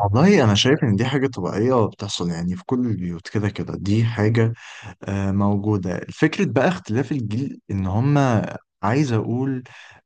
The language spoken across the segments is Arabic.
والله أنا شايف إن دي حاجة طبيعية بتحصل يعني في كل البيوت، كده كده دي حاجة موجودة. الفكرة بقى اختلاف الجيل ان هما عايز اقول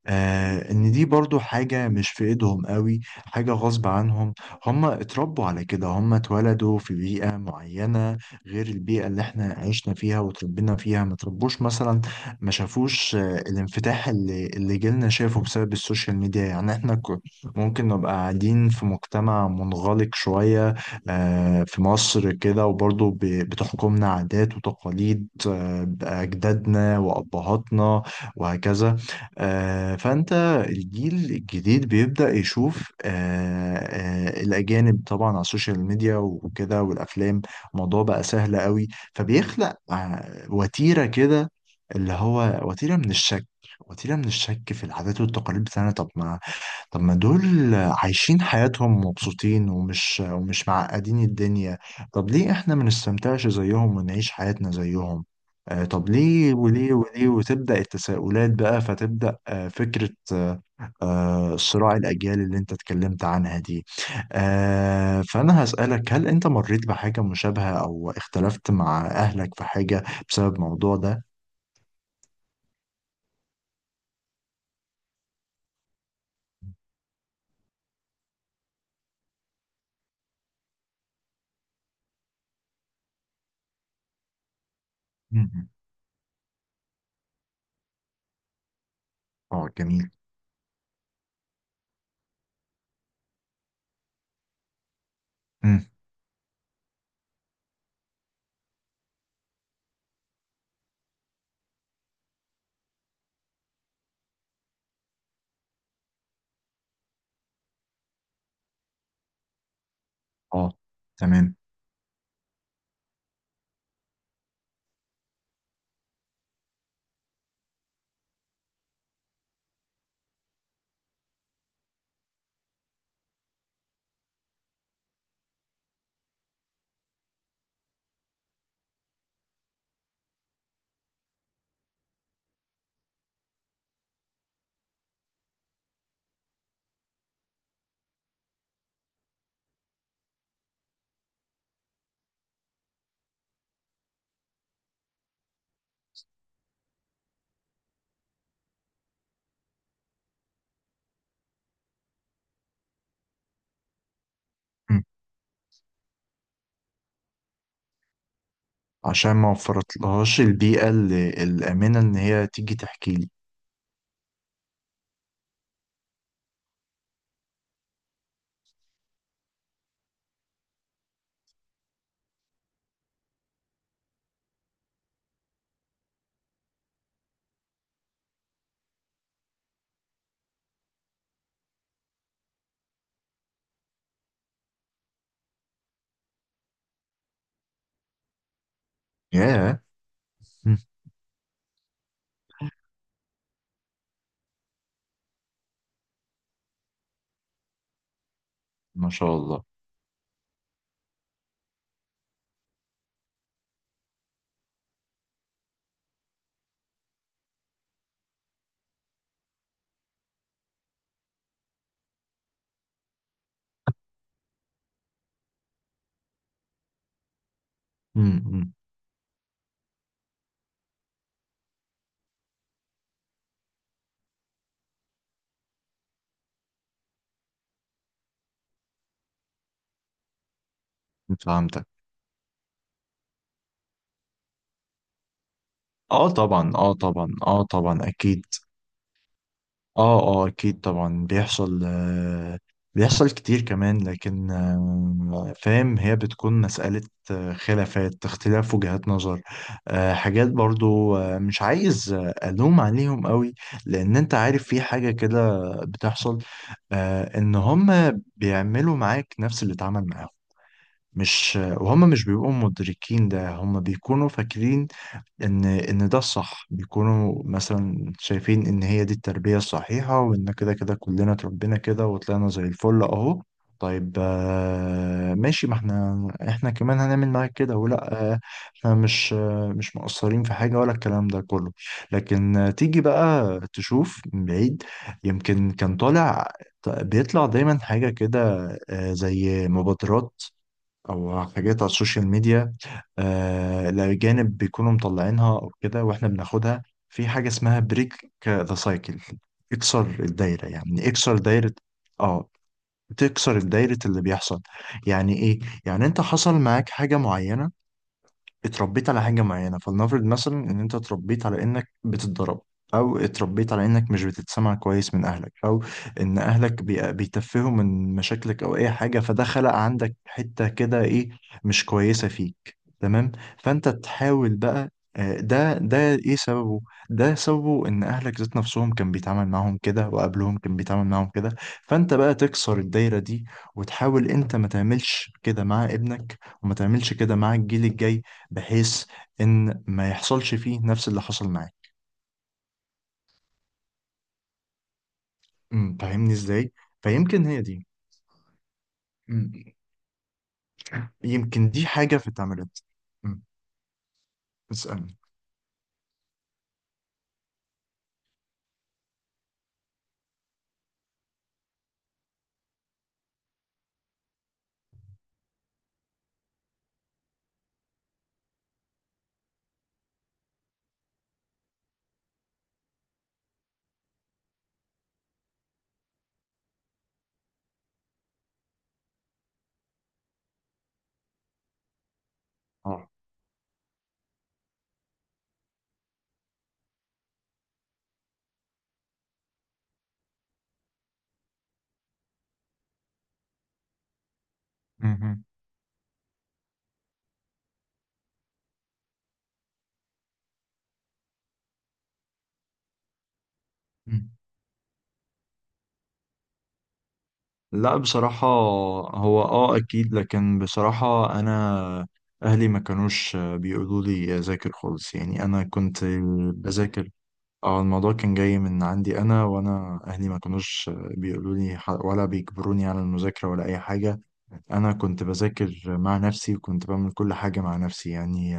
ان دي برضو حاجة مش في ايدهم قوي، حاجة غصب عنهم. هما اتربوا على كده، هما اتولدوا في بيئة معينة غير البيئة اللي احنا عشنا فيها وتربينا فيها. ما تربوش مثلا، ما شافوش الانفتاح اللي جيلنا شافه بسبب السوشيال ميديا. يعني احنا ممكن نبقى قاعدين في مجتمع منغلق شوية، في مصر كده، وبرضه بتحكمنا عادات وتقاليد أجدادنا وأبهاتنا وهكذا. آه، فأنت الجيل الجديد بيبدأ يشوف الأجانب طبعا على السوشيال ميديا وكده والأفلام. الموضوع بقى سهل قوي، فبيخلق وتيرة كده، اللي هو وتيرة من الشك. وتيرة من الشك في العادات والتقاليد بتاعنا. طب ما دول عايشين حياتهم مبسوطين، ومش معقدين الدنيا. طب ليه احنا ما نستمتعش زيهم ونعيش حياتنا زيهم؟ طب ليه وليه وليه، وتبدأ التساؤلات بقى، فتبدأ فكرة صراع الأجيال اللي انت اتكلمت عنها دي. فأنا هسألك، هل انت مريت بحاجة مشابهة او اختلفت مع أهلك في حاجة بسبب الموضوع ده؟ مم. اه، جميل. مم. اه، تمام. عشان ما وفرتلهاش البيئة الآمنة إن هي تيجي تحكي لي. ياه. مم. ما شاء الله. مم. فهمتك. اه طبعا، اه طبعا، اه طبعا، أكيد. اه اه اكيد طبعا بيحصل، بيحصل كتير كمان. لكن فاهم، هي بتكون مسألة آه، خلافات اختلاف وجهات نظر، حاجات برضو، مش عايز ألوم عليهم قوي، لأن أنت عارف في حاجة كده بتحصل، إن هم بيعملوا معاك نفس اللي اتعمل معاهم. مش آه، وهم مش بيبقوا مدركين ده، هم بيكونوا فاكرين ان ده الصح. بيكونوا مثلا شايفين ان هي دي التربية الصحيحة، وان كده كده كلنا اتربينا كده وطلعنا زي الفل اهو. طيب ماشي، ما احنا كمان هنعمل معاك كده، ولا احنا مش مقصرين في حاجة ولا الكلام ده كله؟ لكن تيجي بقى تشوف من بعيد، يمكن كان طالع، بيطلع دايما حاجة كده زي مبادرات او حاجات على السوشيال ميديا، الأجانب بيكونوا مطلعينها أو كده وإحنا بناخدها. في حاجة اسمها بريك ذا سايكل، اكسر الدايرة، يعني اكسر دايرة. آه. تكسر الدايرة اللي بيحصل، يعني إيه؟ يعني أنت حصل معاك حاجة معينة، اتربيت على حاجة معينة. فلنفرض مثلا ان انت اتربيت على انك بتتضرب، او اتربيت على انك مش بتتسمع كويس من اهلك، او ان اهلك بيتفهوا من مشاكلك، او اي حاجة، فده خلق عندك حتة كده ايه، مش كويسة فيك، تمام. فانت تحاول بقى ده ايه سببه؟ ده سببه ان اهلك ذات نفسهم كان بيتعامل معاهم كده، وقبلهم كان بيتعامل معاهم كده. فانت بقى تكسر الدايرة دي، وتحاول انت ما تعملش كده مع ابنك، وما تعملش كده مع الجيل الجاي، بحيث ان ما يحصلش فيه نفس اللي حصل معاك. فاهمني ازاي. فيمكن هي دي. أمم، يمكن دي حاجة في اتعملت. أمم، اسألني. اه. مهم. أمم. لا، بصراحة، هو اكيد. لكن بصراحة انا اهلي ما كانوش بيقولوا لي اذاكر خالص، يعني انا كنت بذاكر. اه، الموضوع كان جاي من عندي انا، وانا اهلي ما كانوش بيقولوا لي ولا بيجبروني على المذاكره ولا اي حاجه. انا كنت بذاكر مع نفسي، وكنت بعمل كل حاجه مع نفسي يعني.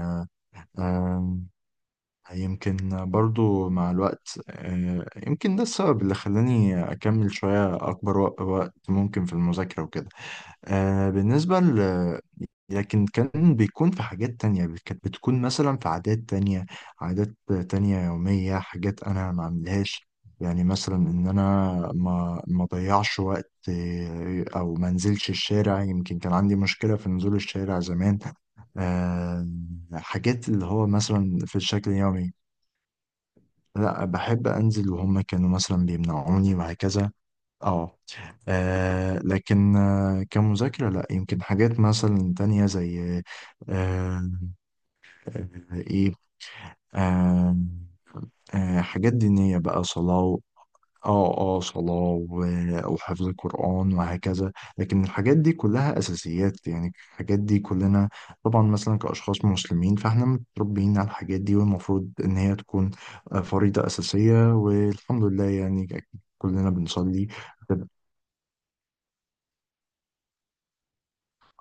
آم، يمكن برضو مع الوقت، يمكن ده السبب اللي خلاني اكمل شويه اكبر وقت ممكن في المذاكره وكده. آه بالنسبة ل لكن كان بيكون في حاجات تانية، كانت بتكون مثلا في عادات تانية. عادات تانية يومية، حاجات أنا ما عملهاش. يعني مثلا إن أنا ما ضيعش وقت، أو ما انزلش الشارع. يمكن كان عندي مشكلة في نزول الشارع زمان. آه، حاجات اللي هو مثلا في الشكل اليومي. لا، بحب أنزل، وهم كانوا مثلا بيمنعوني وهكذا. اه. لكن كمذاكرة لا، يمكن حاجات مثلا تانية زي آه، آه، ايه آه، حاجات دينية بقى، صلاة اه اه صلاة وحفظ القرآن وهكذا. لكن الحاجات دي كلها أساسيات، يعني الحاجات دي كلنا طبعا مثلا كأشخاص مسلمين، فاحنا متربيين على الحاجات دي، والمفروض إن هي تكون فريضة أساسية، والحمد لله يعني، كلنا بنصلي.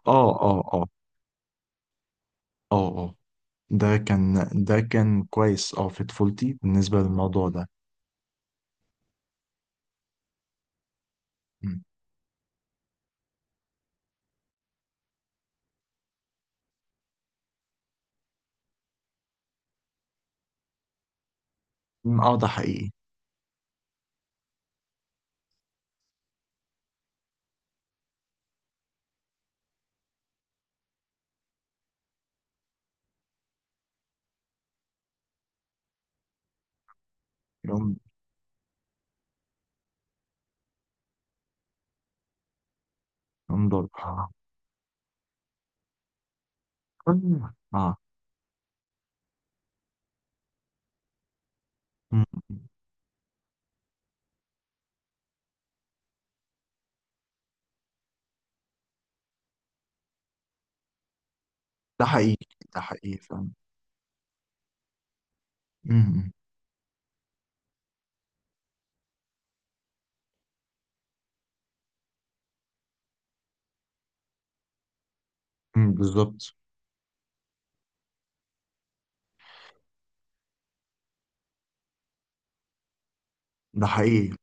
اه، اه، اه، اه، اه. ده كان كويس في طفولتي بالنسبة للموضوع ده. مم. اه، ده حقيقي. يوم يوم دول، اه. اه. مم. ده حقيقي، ده حقيقي، فاهم. مم. مم. بالظبط. ده حقيقي.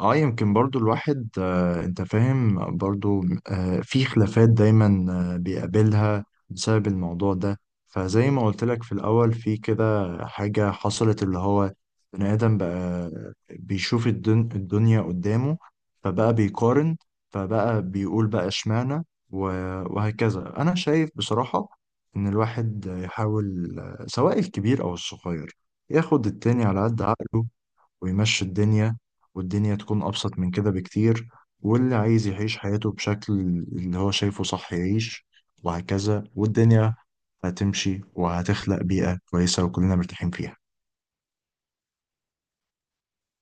اه، يمكن برضو الواحد، انت فاهم برضو، في خلافات دايما، بيقابلها بسبب الموضوع ده. فزي ما قلت لك في الاول في كده حاجة حصلت، اللي هو بني ادم بقى بيشوف الدنيا قدامه، فبقى بيقارن، فبقى بيقول بقى اشمعنى، و- وهكذا. انا شايف بصراحة ان الواحد يحاول سواء الكبير او الصغير، ياخد التاني على قد عقله، ويمشي الدنيا، والدنيا تكون أبسط من كده بكتير. واللي عايز يعيش حياته بشكل اللي هو شايفه صح، يعيش. وهكذا، والدنيا هتمشي وهتخلق بيئة كويسة وكلنا مرتاحين فيها.